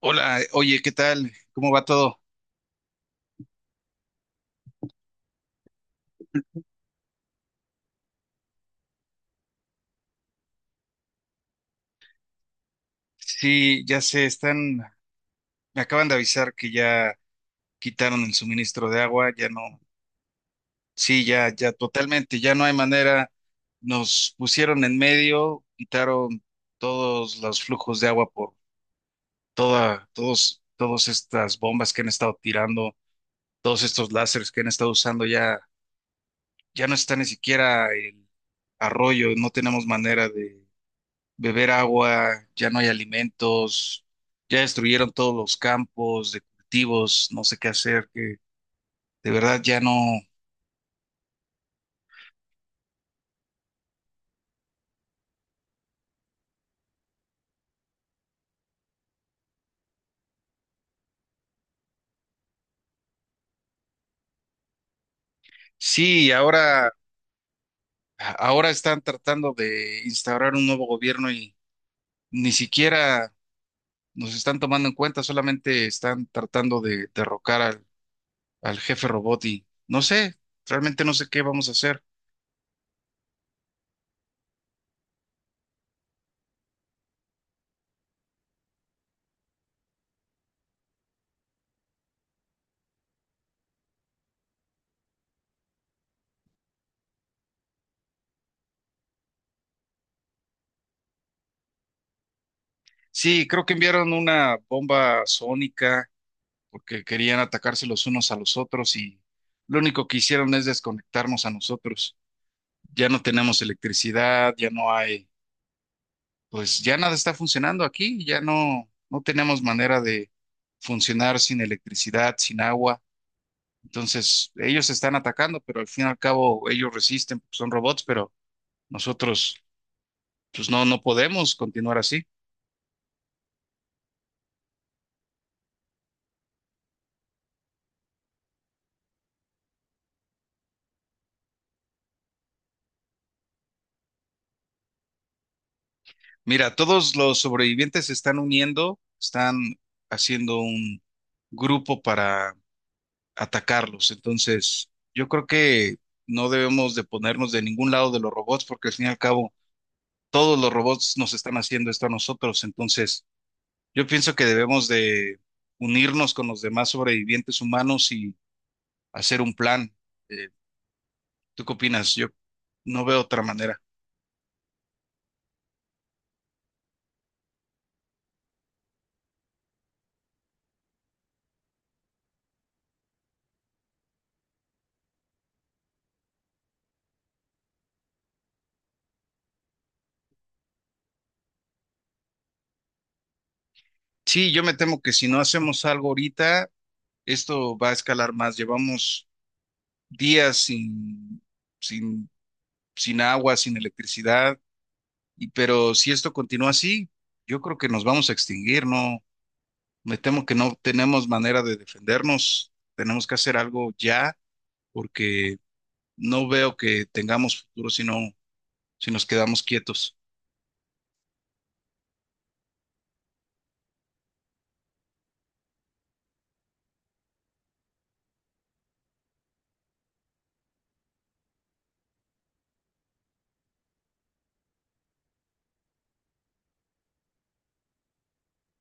Hola, oye, ¿qué tal? ¿Cómo va todo? Sí, ya se están, me acaban de avisar que ya quitaron el suministro de agua, ya no, sí, ya, ya totalmente, ya no hay manera, nos pusieron en medio, quitaron todos los flujos de agua por todas estas bombas que han estado tirando, todos estos láseres que han estado usando, ya, ya no está ni siquiera el arroyo, no tenemos manera beber agua, ya no hay alimentos, ya destruyeron todos los campos de cultivos, no sé qué hacer, que de verdad ya no. Sí, ahora, ahora están tratando de instaurar un nuevo gobierno y ni siquiera nos están tomando en cuenta, solamente están tratando de derrocar al jefe robot y no sé, realmente no sé qué vamos a hacer. Sí, creo que enviaron una bomba sónica porque querían atacarse los unos a los otros y lo único que hicieron es desconectarnos a nosotros. Ya no tenemos electricidad, ya no hay, pues ya nada está funcionando aquí, ya no, no tenemos manera de funcionar sin electricidad, sin agua. Entonces, ellos se están atacando, pero al fin y al cabo ellos resisten, porque son robots, pero nosotros, pues no, no podemos continuar así. Mira, todos los sobrevivientes se están uniendo, están haciendo un grupo para atacarlos. Entonces, yo creo que no debemos de ponernos de ningún lado de los robots porque al fin y al cabo todos los robots nos están haciendo esto a nosotros. Entonces, yo pienso que debemos de unirnos con los demás sobrevivientes humanos y hacer un plan. Eh, ¿Tú qué opinas? Yo no veo otra manera. Sí, yo me temo que si no hacemos algo ahorita, esto va a escalar más. Llevamos días sin, sin agua, sin electricidad. Y- Pero si esto continúa así, yo creo que nos vamos a extinguir, ¿no? Me temo que no tenemos manera de defendernos. Tenemos que hacer algo ya porque no veo que tengamos futuro si no, si nos quedamos quietos.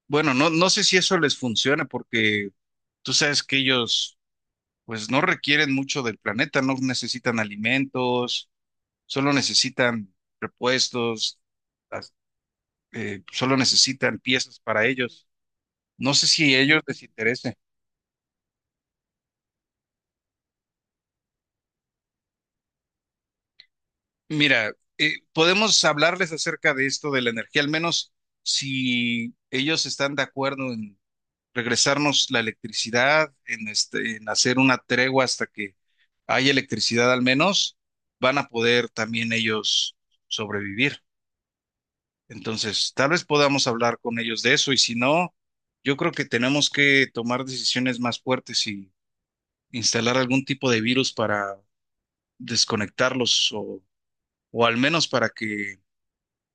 Bueno, no, no sé si eso les funciona porque tú sabes que ellos pues no requieren mucho del planeta, no necesitan alimentos, solo necesitan repuestos, as- solo necesitan piezas para ellos. No sé si a ellos les interese. Mira, podemos hablarles acerca de esto de la energía, al menos si ellos están de acuerdo en regresarnos la electricidad, en, este, en hacer una tregua hasta que haya electricidad al menos, van a poder también ellos sobrevivir. Entonces, tal vez podamos hablar con ellos de eso y si no, yo creo que tenemos que tomar decisiones más fuertes y instalar algún tipo de virus para desconectarlos o al menos para que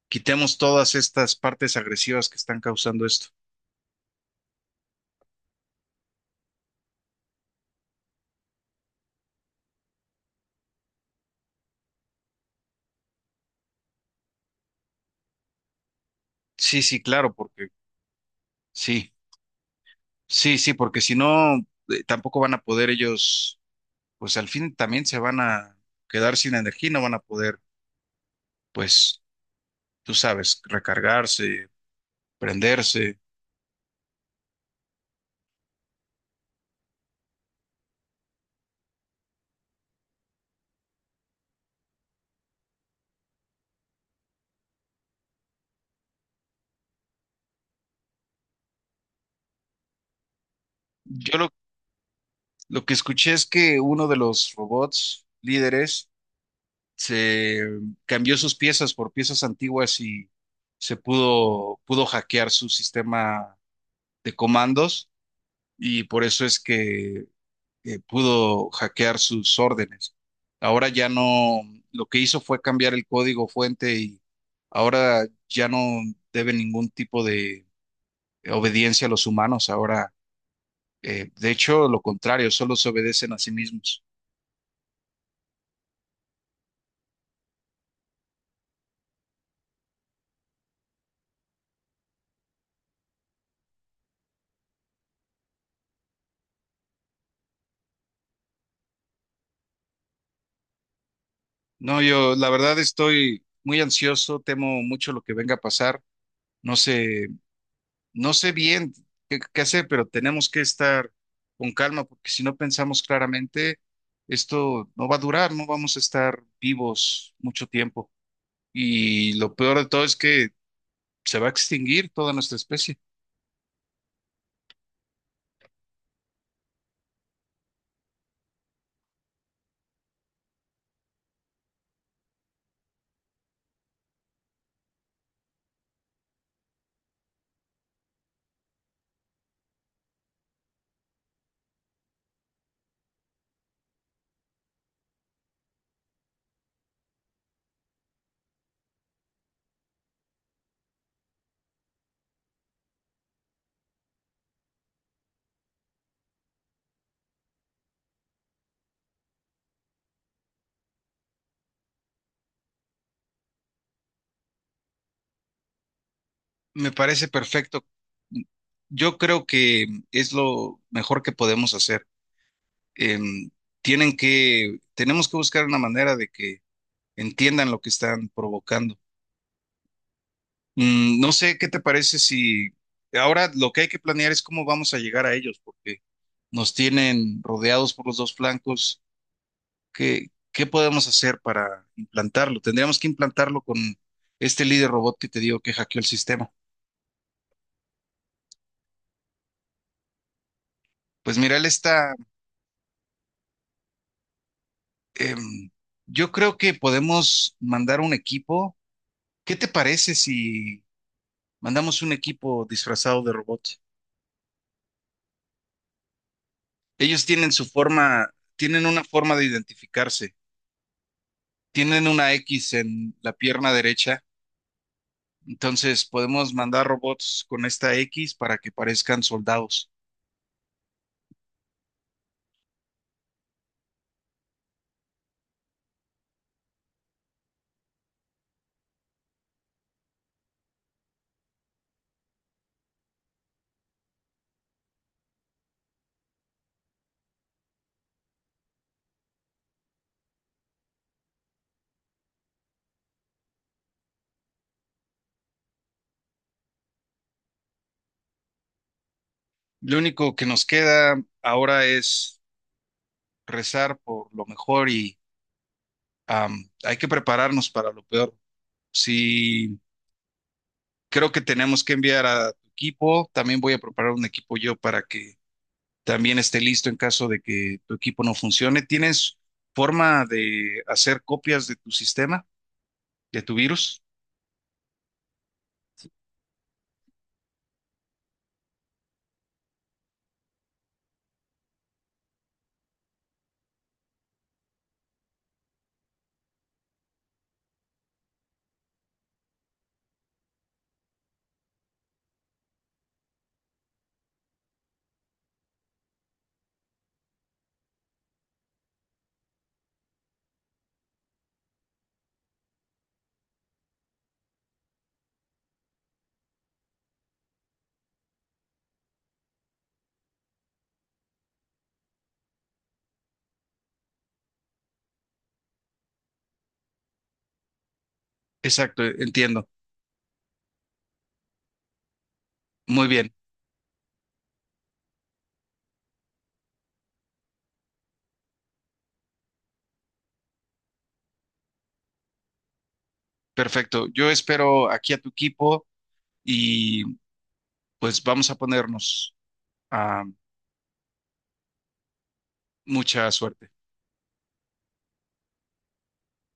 quitemos todas estas partes agresivas que están causando esto. Sí, sí, claro, porque sí, sí, sí, porque si no, tampoco van a poder ellos, pues al fin también se van a quedar sin energía, y no van a poder, pues, tú sabes, recargarse, prenderse. Yo lo, lo que escuché es que uno de los robots líderes se cambió sus piezas por piezas antiguas y pudo hackear su sistema de comandos y por eso es que pudo hackear sus órdenes. Ahora ya no, lo que hizo fue cambiar el código fuente y ahora ya no debe ningún tipo de obediencia a los humanos. Ahora, de hecho, lo contrario, solo se obedecen a sí mismos. No, yo la verdad estoy muy ansioso, temo mucho lo que venga a pasar. No sé No sé bien qué, qué hacer, pero tenemos que estar con calma porque si no pensamos claramente, esto no va a durar, no vamos a estar vivos mucho tiempo. Y lo peor de todo es que se va a extinguir toda nuestra especie. Me parece perfecto. Yo creo que es lo mejor que podemos hacer. Em, tenemos que buscar una manera de que entiendan lo que están provocando. Mm, no sé qué te parece si ahora lo que hay que planear es cómo vamos a llegar a ellos, porque nos tienen rodeados por los dos flancos. ¿Qué, qué podemos hacer para implantarlo? Tendríamos que implantarlo con este líder robot que te digo que hackeó el sistema. Pues mira, él está... em, yo creo que podemos mandar un equipo. ¿Qué te parece si mandamos un equipo disfrazado de robot? Ellos tienen su forma, tienen una forma de identificarse. Tienen una X en la pierna derecha, entonces podemos mandar robots con esta X para que parezcan soldados. Lo único que nos queda ahora es rezar por lo mejor y, am, hay que prepararnos para lo peor. Si creo que tenemos que enviar a tu equipo. También voy a preparar un equipo yo para que también esté listo en caso de que tu equipo no funcione. ¿Tienes forma de hacer copias de tu sistema, de tu virus? Exacto, entiendo. Muy bien. Perfecto. Yo espero aquí a tu equipo y pues vamos a ponernos a mucha suerte.